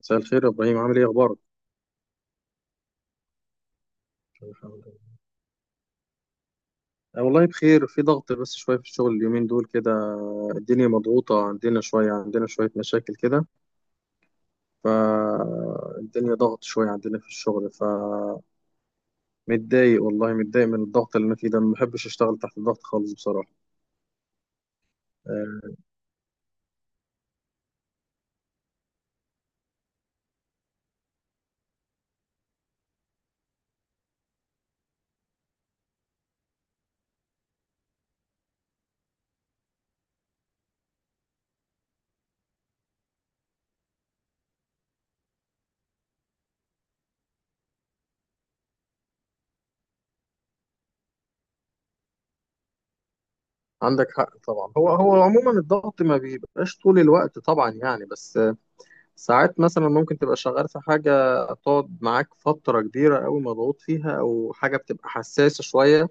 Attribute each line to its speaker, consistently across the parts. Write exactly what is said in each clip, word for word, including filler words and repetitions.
Speaker 1: مساء الخير يا ابراهيم، عامل ايه اخبارك؟ الحمد لله. أه والله بخير، في ضغط بس شويه في الشغل اليومين دول كده. الدنيا مضغوطه عندنا شويه، عندنا شويه مشاكل كده، فالدنيا ضغط شويه عندنا في الشغل. فمتضايق والله، متضايق من الضغط اللي انا فيه ده، ما بحبش اشتغل تحت الضغط خالص بصراحه. أه، عندك حق طبعا. هو هو عموما الضغط ما بيبقاش طول الوقت طبعا يعني، بس آه، ساعات مثلا ممكن تبقى شغال في حاجه تقعد معاك فتره كبيره قوي مضغوط فيها، او حاجه بتبقى حساسه شويه،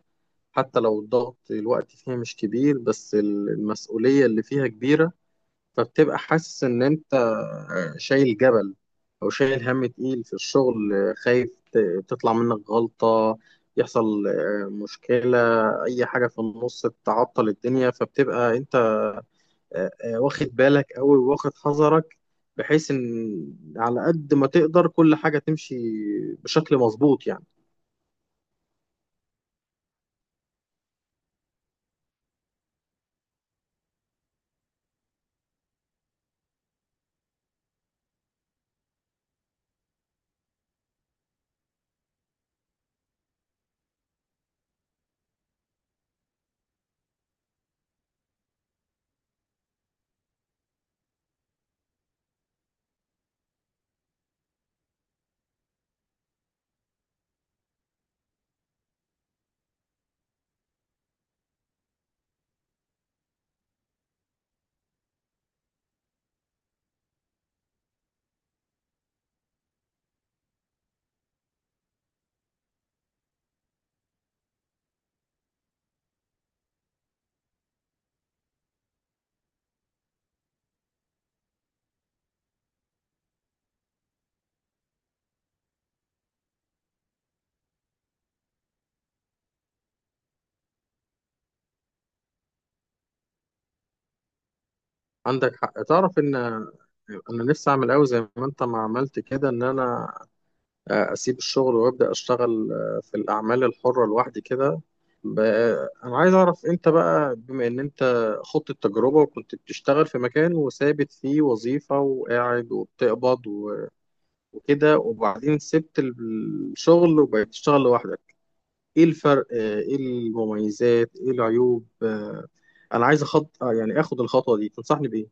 Speaker 1: حتى لو الضغط الوقت فيها مش كبير بس ال- المسؤولية اللي فيها كبيرة. فبتبقى حاسس إن أنت شايل جبل، أو شايل هم تقيل في الشغل، خايف ت- تطلع منك غلطة، يحصل آه، مشكلة، أي حاجة في النص تعطل الدنيا، فبتبقى أنت آه، آه، واخد بالك أوي، واخد حذرك، بحيث إن على قد ما تقدر كل حاجة تمشي بشكل مظبوط يعني. عندك حق، تعرف ان انا نفسي اعمل قوي زي ما انت ما عملت كده، ان انا اسيب الشغل وابدا اشتغل في الاعمال الحره لوحدي كده. ب- انا عايز اعرف انت بقى، بما ان انت خضت التجربه وكنت بتشتغل في مكان وثابت فيه وظيفه وقاعد وبتقبض و- وكده، وبعدين سبت الشغل وبقيت تشتغل لوحدك، ايه الفرق، ايه المميزات، ايه العيوب؟ انا عايز اخد يعني اخد الخطوه دي، تنصحني بايه؟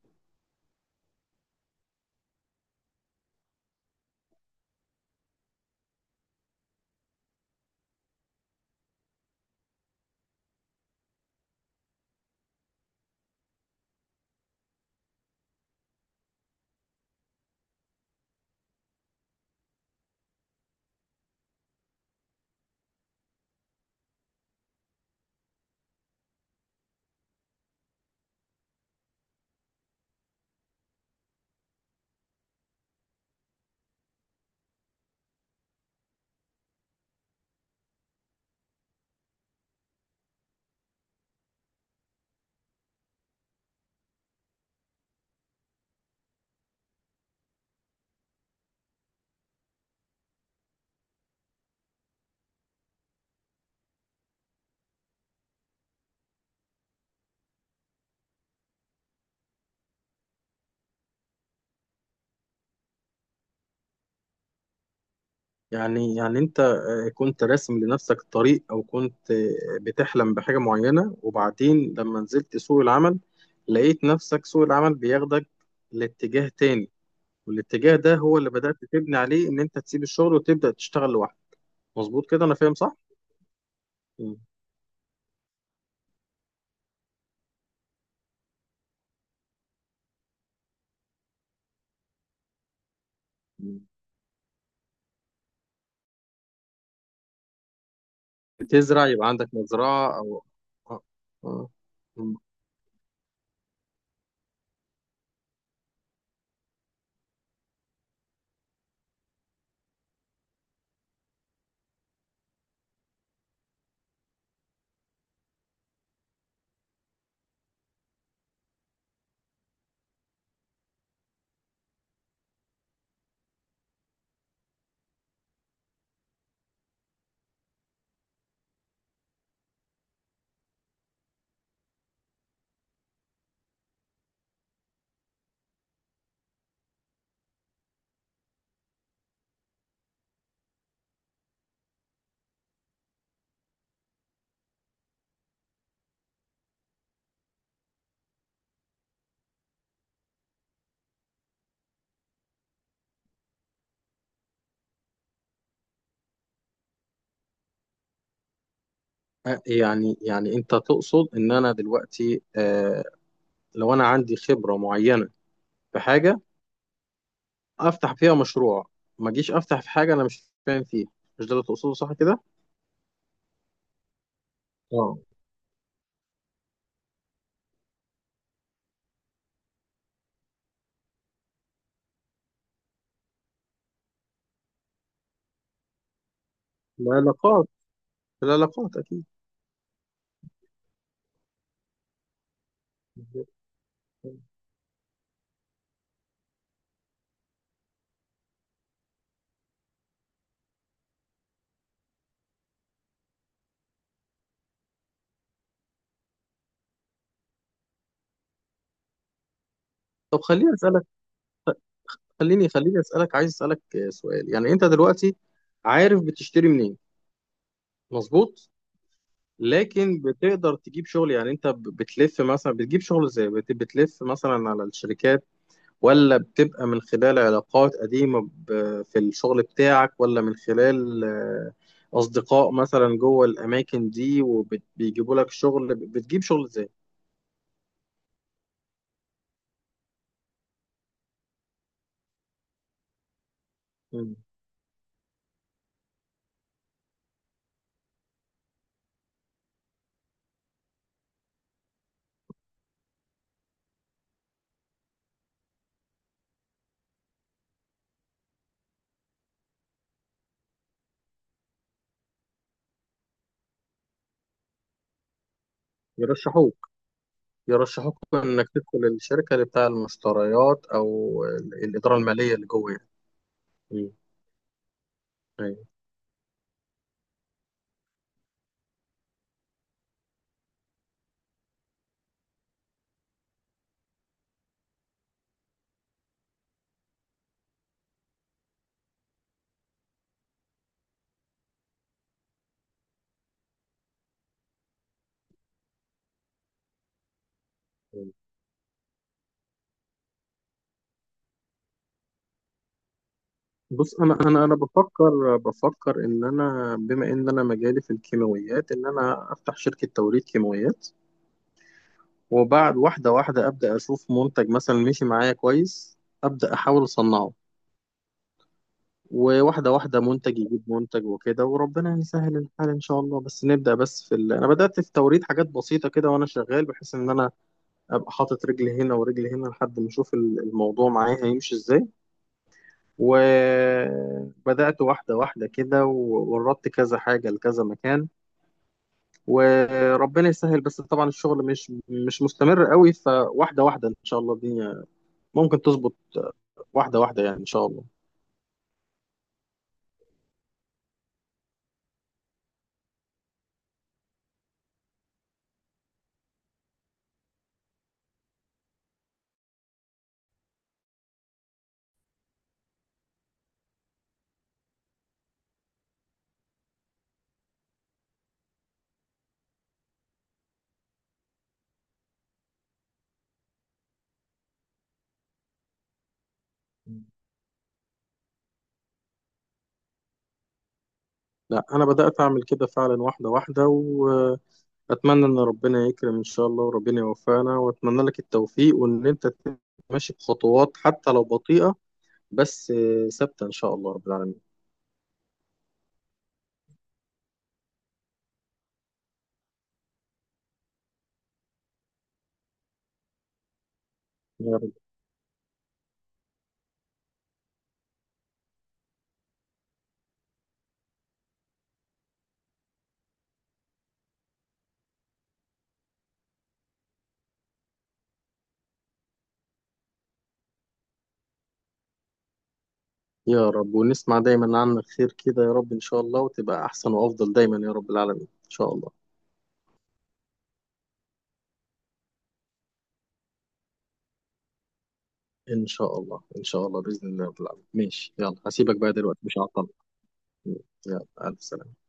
Speaker 1: يعني يعني انت آه، كنت راسم لنفسك طريق، او كنت آه، بتحلم بحاجة معينة، وبعدين لما نزلت سوق العمل لقيت نفسك سوق العمل بياخدك لاتجاه تاني، والاتجاه ده هو اللي بدأت تبني عليه ان انت تسيب الشغل وتبدأ تشتغل لوحدك. مظبوط كده، انا فاهم صح؟ مم. مم. بتزرع يبقى عندك مزرعة او؟ آه. آه. مم. آه، يعني يعني انت تقصد ان انا دلوقتي آه، لو انا عندي خبرة معينة في حاجة افتح فيها مشروع، ما اجيش افتح في حاجه انا مش فاهم فيها، مش ده اللي تقصده صح كده؟ اه. العلاقات. العلاقات اكيد. طب خليني اسالك، خليني خليني اسالك، عايز اسالك آه، سؤال، يعني انت دلوقتي عارف بتشتري منين؟ مظبوط. لكن بتقدر تجيب شغل؟ يعني انت ب- بتلف مثلا، بتجيب شغل ازاي؟ بت- بتلف مثلا على الشركات، ولا بتبقى من خلال علاقات قديمة ب- في الشغل بتاعك، ولا من خلال آه، أصدقاء مثلا جوه الأماكن دي وبيجيبوا لك شغل؟ بتجيب شغل إزاي؟ مم. يرشحوك. يرشحوك إنك تدخل الشركة اللي بتاع المشتريات أو ال- الإدارة المالية اللي جوه يعني. مم. أيوة. مم. بص، أنا أنا أنا بفكر، بفكر إن أنا بما إن أنا مجالي في الكيماويات، إن أنا أفتح شركة توريد كيماويات، وبعد واحدة واحدة أبدأ أشوف منتج مثلا مشي معايا كويس أبدأ أحاول أصنعه، وواحدة واحدة منتج يجيب منتج وكده، وربنا يسهل الحال إن شاء الله. بس نبدأ بس في ال... أنا بدأت في توريد حاجات بسيطة كده وأنا شغال، بحيث إن أنا أبقى حاطط رجلي هنا ورجلي هنا لحد ما أشوف ال- الموضوع معايا هيمشي إزاي. وبدأت واحدة واحدة كده ووردت كذا حاجة لكذا مكان، وربنا يسهل، بس طبعا الشغل مش مش مستمر قوي، فواحدة واحدة إن شاء الله الدنيا ممكن تظبط، واحدة واحدة يعني إن شاء الله. لا أنا بدأت أعمل كده فعلا واحدة واحدة، وأتمنى إن ربنا يكرم إن شاء الله، وربنا يوفقنا، وأتمنى لك التوفيق، وإن أنت تبقى ماشي بخطوات حتى لو بطيئة بس ثابتة إن شاء الله رب العالمين. يا رب. يا رب ونسمع دايما عنك خير كده يا رب إن شاء الله، وتبقى أحسن وأفضل دايما يا رب العالمين إن شاء الله. إن شاء الله إن شاء الله بإذن الله رب العالمين. ماشي، يلا هسيبك بقى دلوقتي، مش هعطلك. يلا ألف سلامة.